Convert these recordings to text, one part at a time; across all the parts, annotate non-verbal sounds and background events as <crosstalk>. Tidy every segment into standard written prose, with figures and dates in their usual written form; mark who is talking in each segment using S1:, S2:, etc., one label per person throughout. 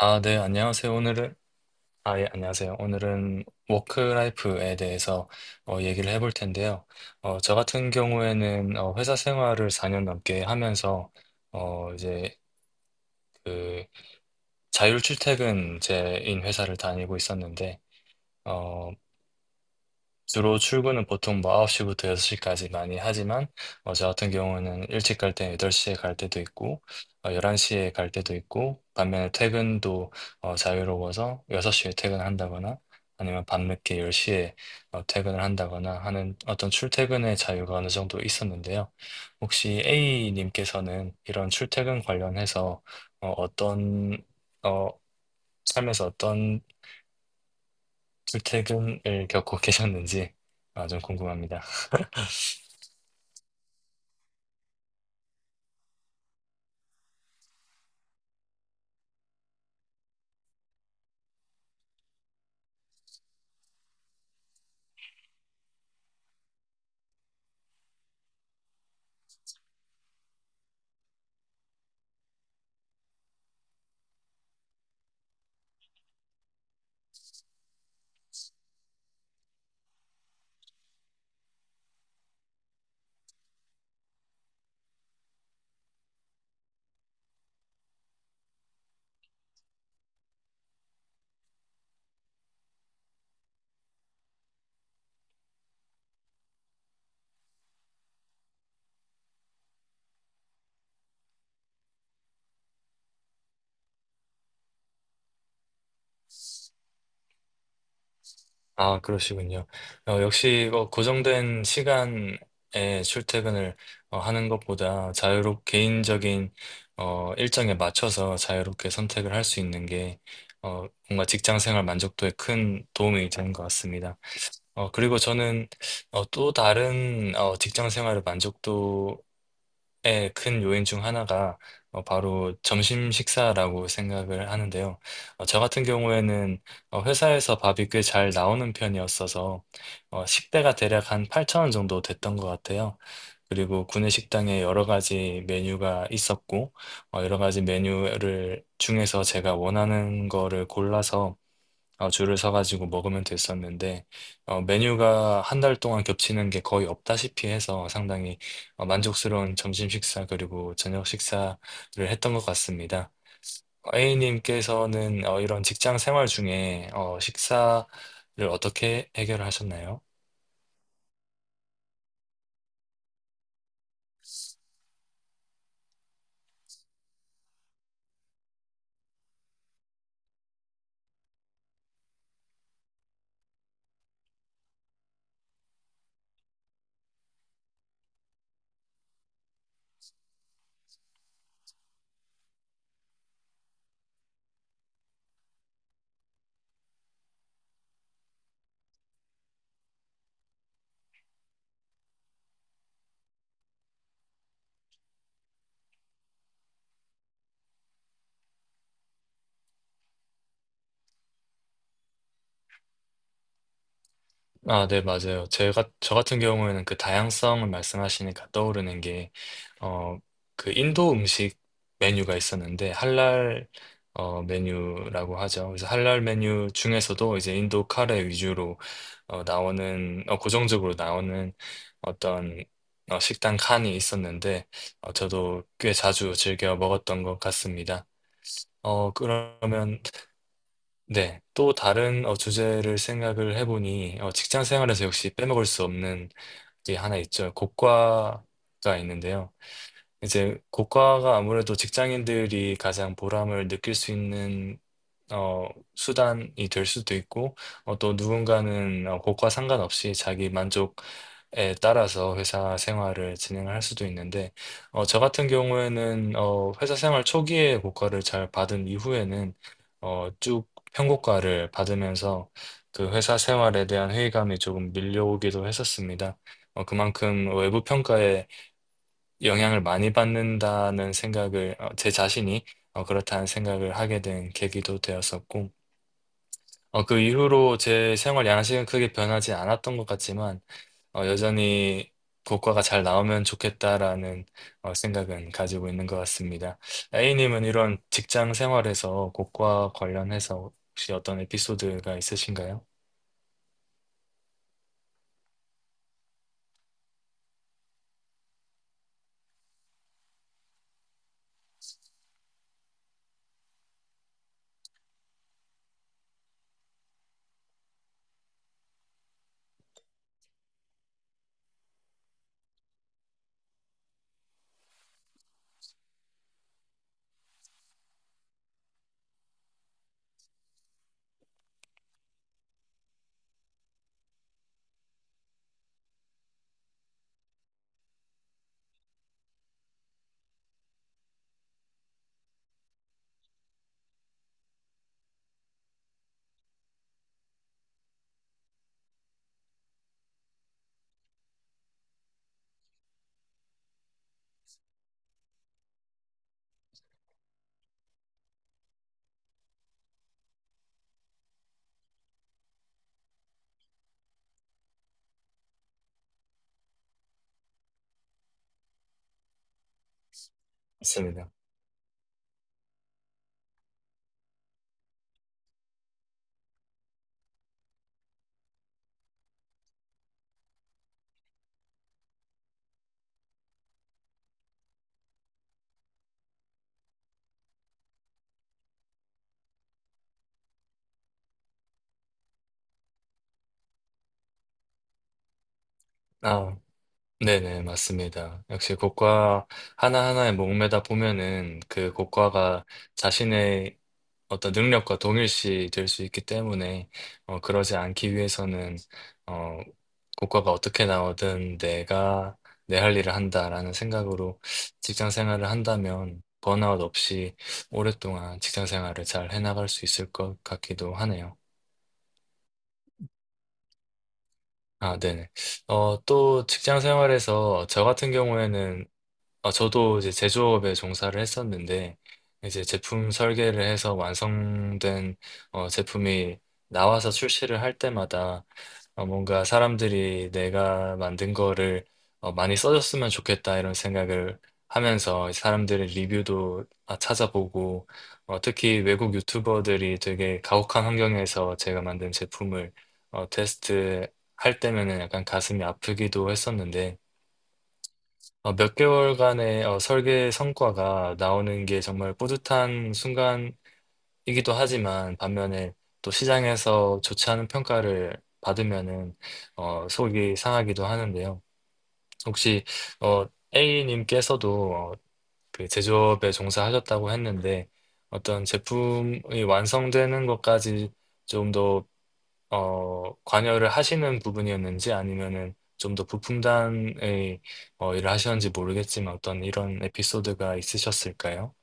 S1: 아, 네, 안녕하세요. 아, 예, 안녕하세요. 오늘은 워크라이프에 대해서 얘기를 해볼 텐데요. 저 같은 경우에는 회사 생활을 4년 넘게 하면서 이제 그 자율 출퇴근제인 회사를 다니고 있었는데, 어, 주로 출근은 보통 뭐 9시부터 6시까지 많이 하지만, 저 같은 경우는 일찍 갈 때 8시에 갈 때도 있고, 11시에 갈 때도 있고, 반면에 퇴근도 자유로워서 6시에 퇴근한다거나, 아니면 밤늦게 10시에 퇴근을 한다거나 하는 어떤 출퇴근의 자유가 어느 정도 있었는데요. 혹시 A님께서는 이런 출퇴근 관련해서 어, 어떤, 어, 삶에서 어떤 출퇴근을 겪고 <laughs> 계셨는지 아, 좀 궁금합니다. 아, 그러시군요. 역시 고정된 시간에 출퇴근을 하는 것보다 자유롭 개인적인 일정에 맞춰서 자유롭게 선택을 할 수 있는 게 뭔가 직장 생활 만족도에 큰 도움이 되는 것 같습니다. 그리고 저는 또 다른 직장 생활의 만족도 예, 큰 요인 중 하나가 바로 점심 식사라고 생각을 하는데요. 저 같은 경우에는 회사에서 밥이 꽤 잘 나오는 편이었어서 식대가 대략 한 8천 원 정도 됐던 것 같아요. 그리고 구내식당에 여러 가지 메뉴가 있었고 여러 가지 메뉴를 중에서 제가 원하는 거를 골라서 줄을 서가지고 먹으면 됐었는데, 메뉴가 한 달 동안 겹치는 게 거의 없다시피 해서 상당히 만족스러운 점심 식사 그리고 저녁 식사를 했던 것 같습니다. A님께서는 이런 직장 생활 중에 식사를 어떻게 해결하셨나요? 아, 네, 맞아요. 저 같은 경우에는 그 다양성을 말씀하시니까 떠오르는 게, 어, 그 인도 음식 메뉴가 있었는데, 할랄, 메뉴라고 하죠. 그래서 할랄 메뉴 중에서도 이제 인도 카레 위주로, 나오는, 고정적으로 나오는 어떤, 식당 칸이 있었는데, 저도 꽤 자주 즐겨 먹었던 것 같습니다. 그러면 네. 또 다른 주제를 생각을 해보니 직장 생활에서 역시 빼먹을 수 없는 게 하나 있죠. 고과가 있는데요. 이제 고과가 아무래도 직장인들이 가장 보람을 느낄 수 있는 어, 수단이 될 수도 있고 또 누군가는 고과 상관없이 자기 만족에 따라서 회사 생활을 진행할 수도 있는데 저 같은 경우에는 회사 생활 초기에 고과를 잘 받은 이후에는 쭉 평고과를 받으면서 그 회사 생활에 대한 회의감이 조금 밀려오기도 했었습니다. 그만큼 외부 평가에 영향을 많이 받는다는 생각을 제 자신이 그렇다는 생각을 하게 된 계기도 되었었고 그 이후로 제 생활 양식은 크게 변하지 않았던 것 같지만 여전히 고과가 잘 나오면 좋겠다라는 생각은 가지고 있는 것 같습니다. A님은 이런 직장 생활에서 고과 관련해서 혹시 어떤 에피소드가 있으신가요? 맞습니다. 네네, 맞습니다. 역시 고과 하나하나에 목매다 보면은 그 고과가 자신의 어떤 능력과 동일시 될 수 있기 때문에 그러지 않기 위해서는 어, 고과가 어떻게 나오든 내가 내 할 일을 한다라는 생각으로 직장 생활을 한다면 번아웃 없이 오랫동안 직장 생활을 잘 해나갈 수 있을 것 같기도 하네요. 아, 네네. 또 직장 생활에서 저 같은 경우에는 아, 저도 이제 제조업에 종사를 했었는데, 이제 제품 설계를 해서 완성된 제품이 나와서 출시를 할 때마다 뭔가 사람들이 내가 만든 거를 많이 써줬으면 좋겠다 이런 생각을 하면서 사람들의 리뷰도 아, 찾아보고, 특히 외국 유튜버들이 되게 가혹한 환경에서 제가 만든 제품을 테스트 할 때면은 약간 가슴이 아프기도 했었는데, 몇 개월간의 설계 성과가 나오는 게 정말 뿌듯한 순간이기도 하지만 반면에 또 시장에서 좋지 않은 평가를 받으면은 속이 상하기도 하는데요. 혹시 어, A님께서도 그 제조업에 종사하셨다고 했는데 어떤 제품이 완성되는 것까지 좀더 관여를 하시는 부분이었는지 아니면은 좀 더 부품단의 일을 하셨는지 모르겠지만 어떤 이런 에피소드가 있으셨을까요?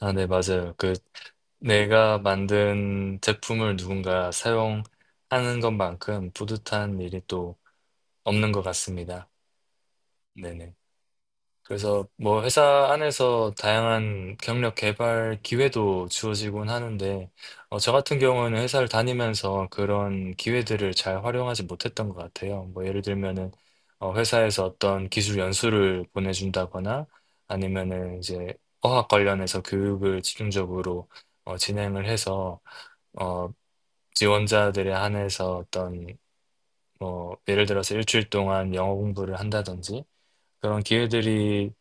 S1: 아, 네, 맞아요. 그 내가 만든 제품을 누군가 사용하는 것만큼 뿌듯한 일이 또 없는 것 같습니다. 네네. 그래서 뭐 회사 안에서 다양한 경력 개발 기회도 주어지곤 하는데, 저 같은 경우는 회사를 다니면서 그런 기회들을 잘 활용하지 못했던 것 같아요. 뭐 예를 들면은, 회사에서 어떤 기술 연수를 보내준다거나, 아니면은 이제 어학 관련해서 교육을 집중적으로 진행을 해서, 어, 지원자들에 한해서 어떤, 뭐 예를 들어서 일주일 동안 영어 공부를 한다든지, 그런 기회들이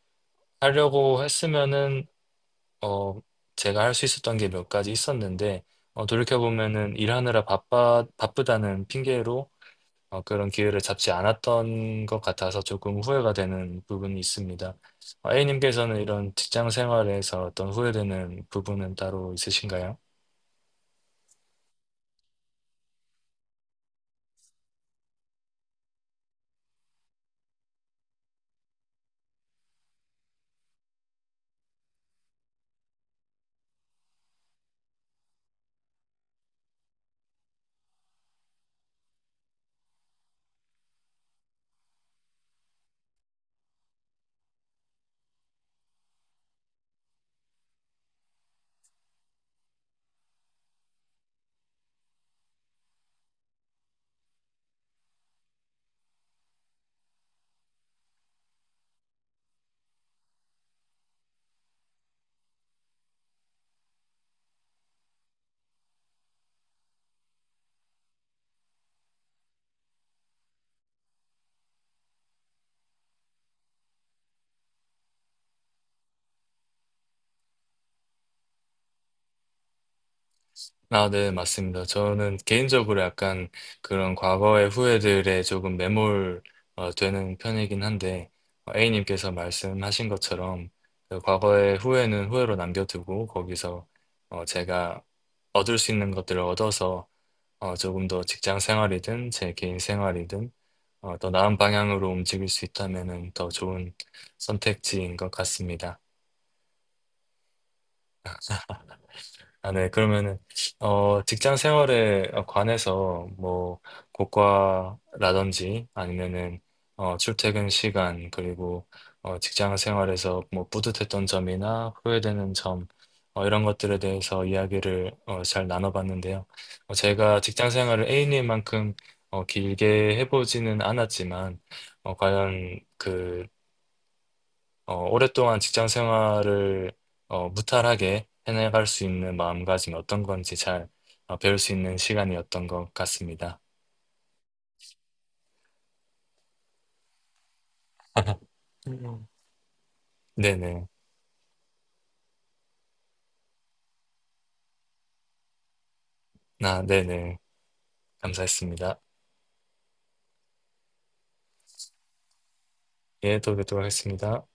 S1: 하려고 했으면은 어 제가 할 수 있었던 게 몇 가지 있었는데 돌이켜보면은 일하느라 바빠 바쁘다는 핑계로 그런 기회를 잡지 않았던 것 같아서 조금 후회가 되는 부분이 있습니다. A님께서는 이런 직장 생활에서 어떤 후회되는 부분은 따로 있으신가요? 아, 네, 맞습니다. 저는 개인적으로 약간 그런 과거의 후회들에 조금 매몰 되는 편이긴 한데, A님께서 말씀하신 것처럼 그 과거의 후회는 후회로 남겨두고 거기서 제가 얻을 수 있는 것들을 얻어서 조금 더 직장 생활이든 제 개인 생활이든 더 나은 방향으로 움직일 수 있다면은 더 좋은 선택지인 것 같습니다. 아, 네. 그러면은, 직장 생활에 관해서, 뭐, 고과라든지, 아니면은, 출퇴근 시간, 그리고, 직장 생활에서 뭐, 뿌듯했던 점이나 후회되는 점, 이런 것들에 대해서 이야기를, 잘 나눠봤는데요. 제가 직장 생활을 A님만큼, 길게 해보지는 않았지만, 과연 그, 오랫동안 직장 생활을 무탈하게 해나갈 수 있는 마음가짐이 어떤 건지 잘 배울 수 있는 시간이었던 것 같습니다. 음, 음. 네네. 네네. 감사했습니다. 예, 또 뵙도록 하겠습니다.